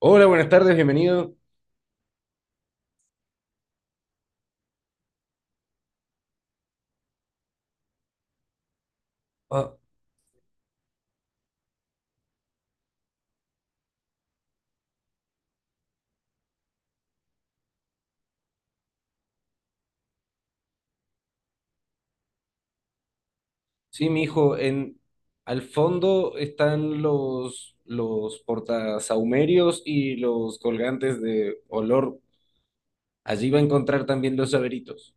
Hola, buenas tardes, bienvenido. Ah, sí, mi hijo, en al fondo están los portasahumerios y los colgantes de olor. Allí va a encontrar también los llaveritos.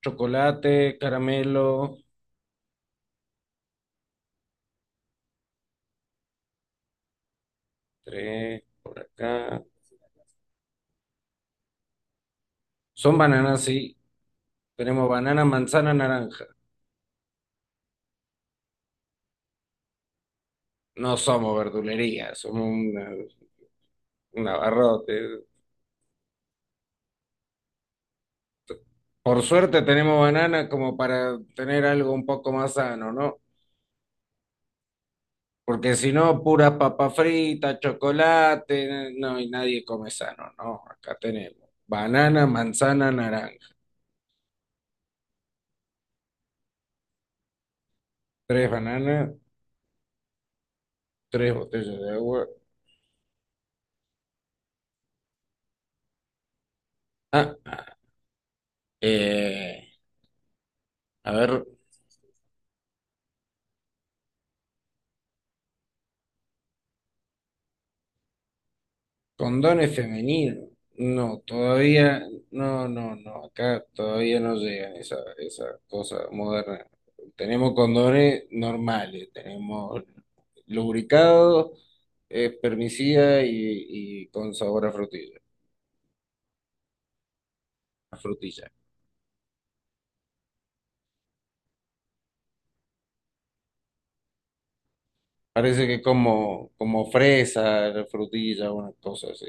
Chocolate, caramelo, tres por acá. Son bananas, sí. Tenemos banana, manzana, naranja. No somos verdulería, somos un abarrote. Por suerte tenemos banana como para tener algo un poco más sano, ¿no? Porque si no, puras papas fritas, chocolate, no, y nadie come sano, no, acá tenemos banana, manzana, naranja, tres bananas, tres botellas de agua. Ah, ah, eh, a ver, condones femeninos, no, todavía, no, no, no, acá todavía no llegan esa cosa moderna. Tenemos condones normales, tenemos lubricados, espermicida y con sabor a frutilla, a frutilla. Parece que como fresa, frutilla, una cosa así.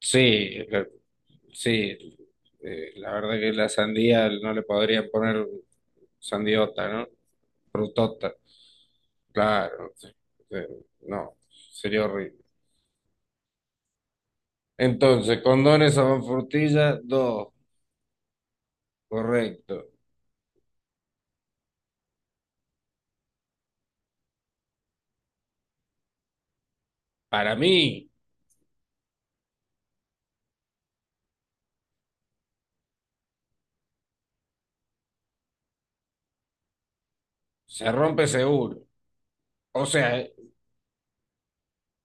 Sí, sí, la verdad que la sandía no le podrían poner sandiota, ¿no? Frutota, claro, sí, sí, no, sería horrible. Entonces, condones son frutilla, dos, correcto. Para mí, se rompe seguro. O sea,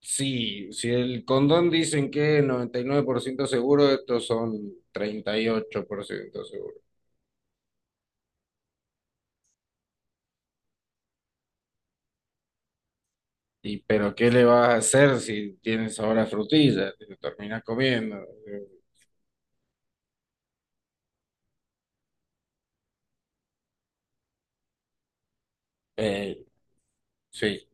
sí, si el condón dicen que es 99% seguro, estos son 38% seguro. Y pero ¿qué le vas a hacer si tienes ahora frutilla? Te lo terminas comiendo. Eh, sí.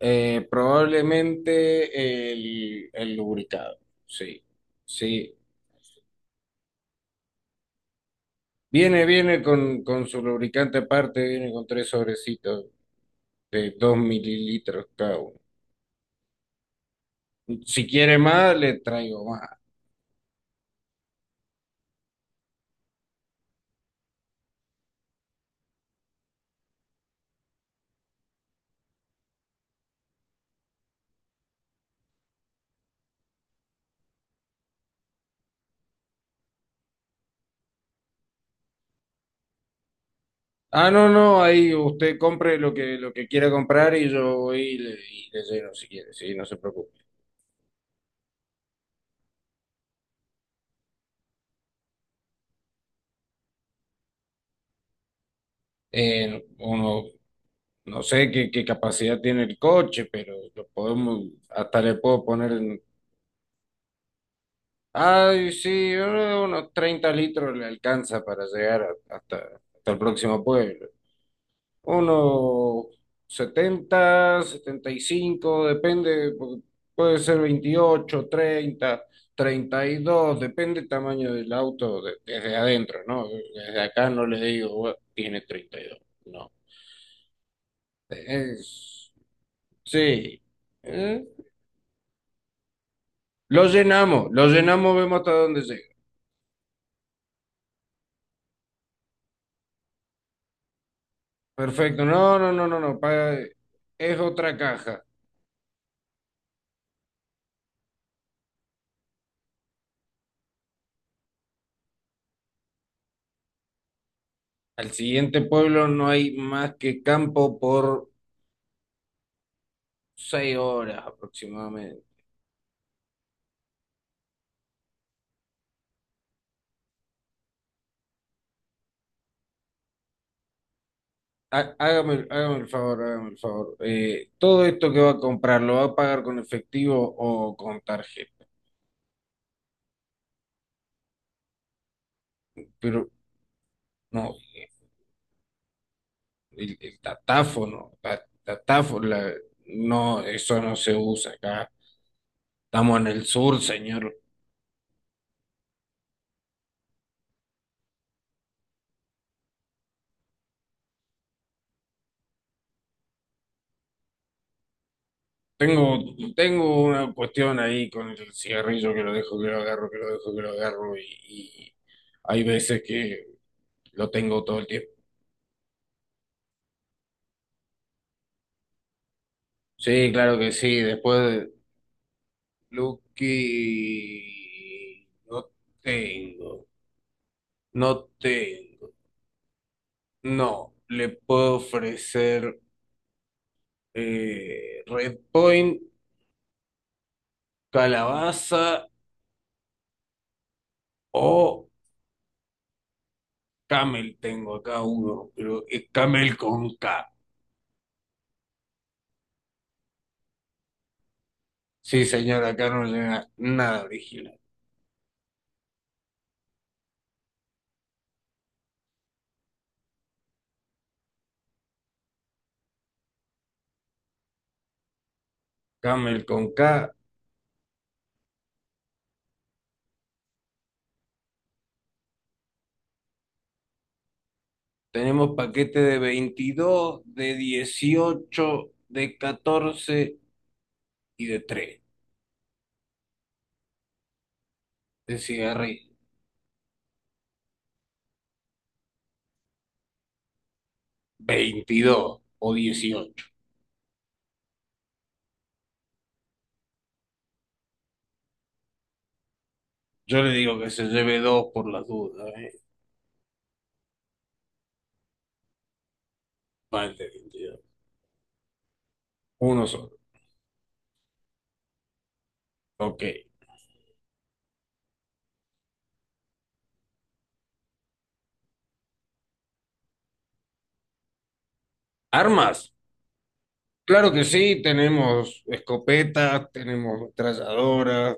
Probablemente el lubricado. Sí. Sí. Viene con su lubricante aparte, viene con tres sobrecitos de 2 mililitros cada uno. Si quiere más, le traigo. Ah, no, no, ahí usted compre lo que quiera comprar y yo voy y le lleno si quiere, sí, no se preocupe. Uno, no sé qué capacidad tiene el coche, pero lo podemos, hasta le puedo poner, ay, sí, unos 30 litros le alcanza para llegar hasta el próximo pueblo. Unos 70, 75 depende, porque puede ser 28, 30, 32, depende el tamaño del auto desde adentro, ¿no? Desde acá no les digo, "Bueno, tiene 32, no". Es- sí. ¿Eh? Lo llenamos, vemos hasta dónde llega. Perfecto, no, no, no, no, no, es otra caja. Al siguiente pueblo no hay más que campo por 6 horas aproximadamente. Hágame el favor, hágame el favor. Todo esto que va a comprar, ¿lo va a pagar con efectivo o con tarjeta? Pero no, el datáfono, no, eso no se usa acá. Estamos en el sur, señor. Tengo, tengo una cuestión ahí con el cigarrillo que lo dejo, que lo agarro, que lo dejo, que lo agarro y hay veces que lo tengo todo el tiempo. Sí, claro que sí, después. Lo que no tengo, no tengo, no, le puedo ofrecer Red Point, calabaza o Camel, tengo acá uno, pero es Camel con K. Sí, señora, acá no le da nada original. Camel con K, tenemos paquete de 22, de 18, de 14 y de 3 de cigarrillo. 22 o 18. Yo le digo que se lleve dos por las dudas, ¿eh? Más de 22. Uno solo. Ok. ¿Armas? Claro que sí, tenemos escopetas, tenemos metralladoras,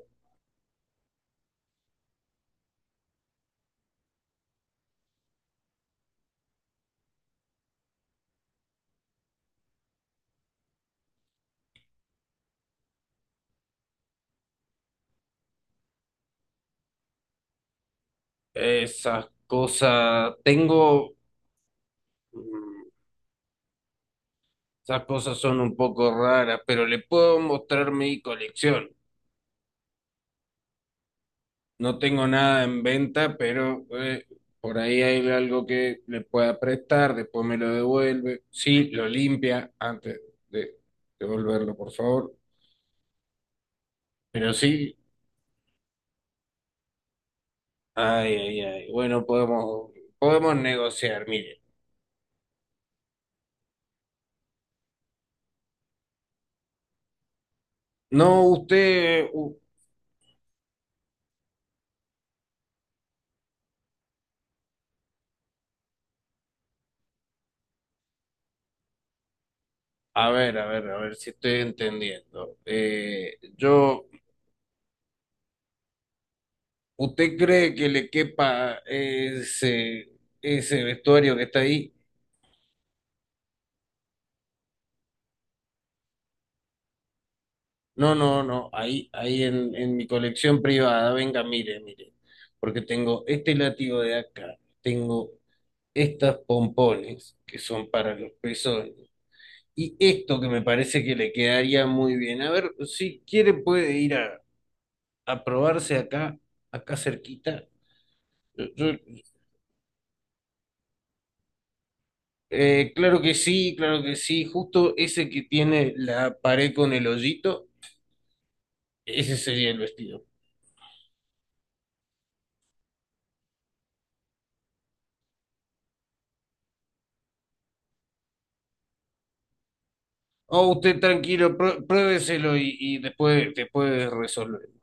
esas cosas. Tengo. mm, Esas cosas son un poco raras, pero le puedo mostrar mi colección. No tengo nada en venta, pero por ahí hay algo que le pueda prestar, después me lo devuelve. Sí, lo limpia antes de devolverlo, por favor. Pero sí, ay, ay, ay. Bueno, podemos negociar, mire. No, usted, a ver, a ver, a ver si estoy entendiendo. Yo, ¿usted cree que le quepa ese vestuario que está ahí? No, no, no, ahí en mi colección privada, venga, mire, mire, porque tengo este látigo de acá, tengo estas pompones que son para los pezones y esto que me parece que le quedaría muy bien. A ver, si quiere puede ir a probarse acá, acá cerquita. Yo- yo- claro que sí, claro que sí, justo ese que tiene la pared con el hoyito, ese sería el vestido. Oh, usted tranquilo, pruébeselo y después resolver.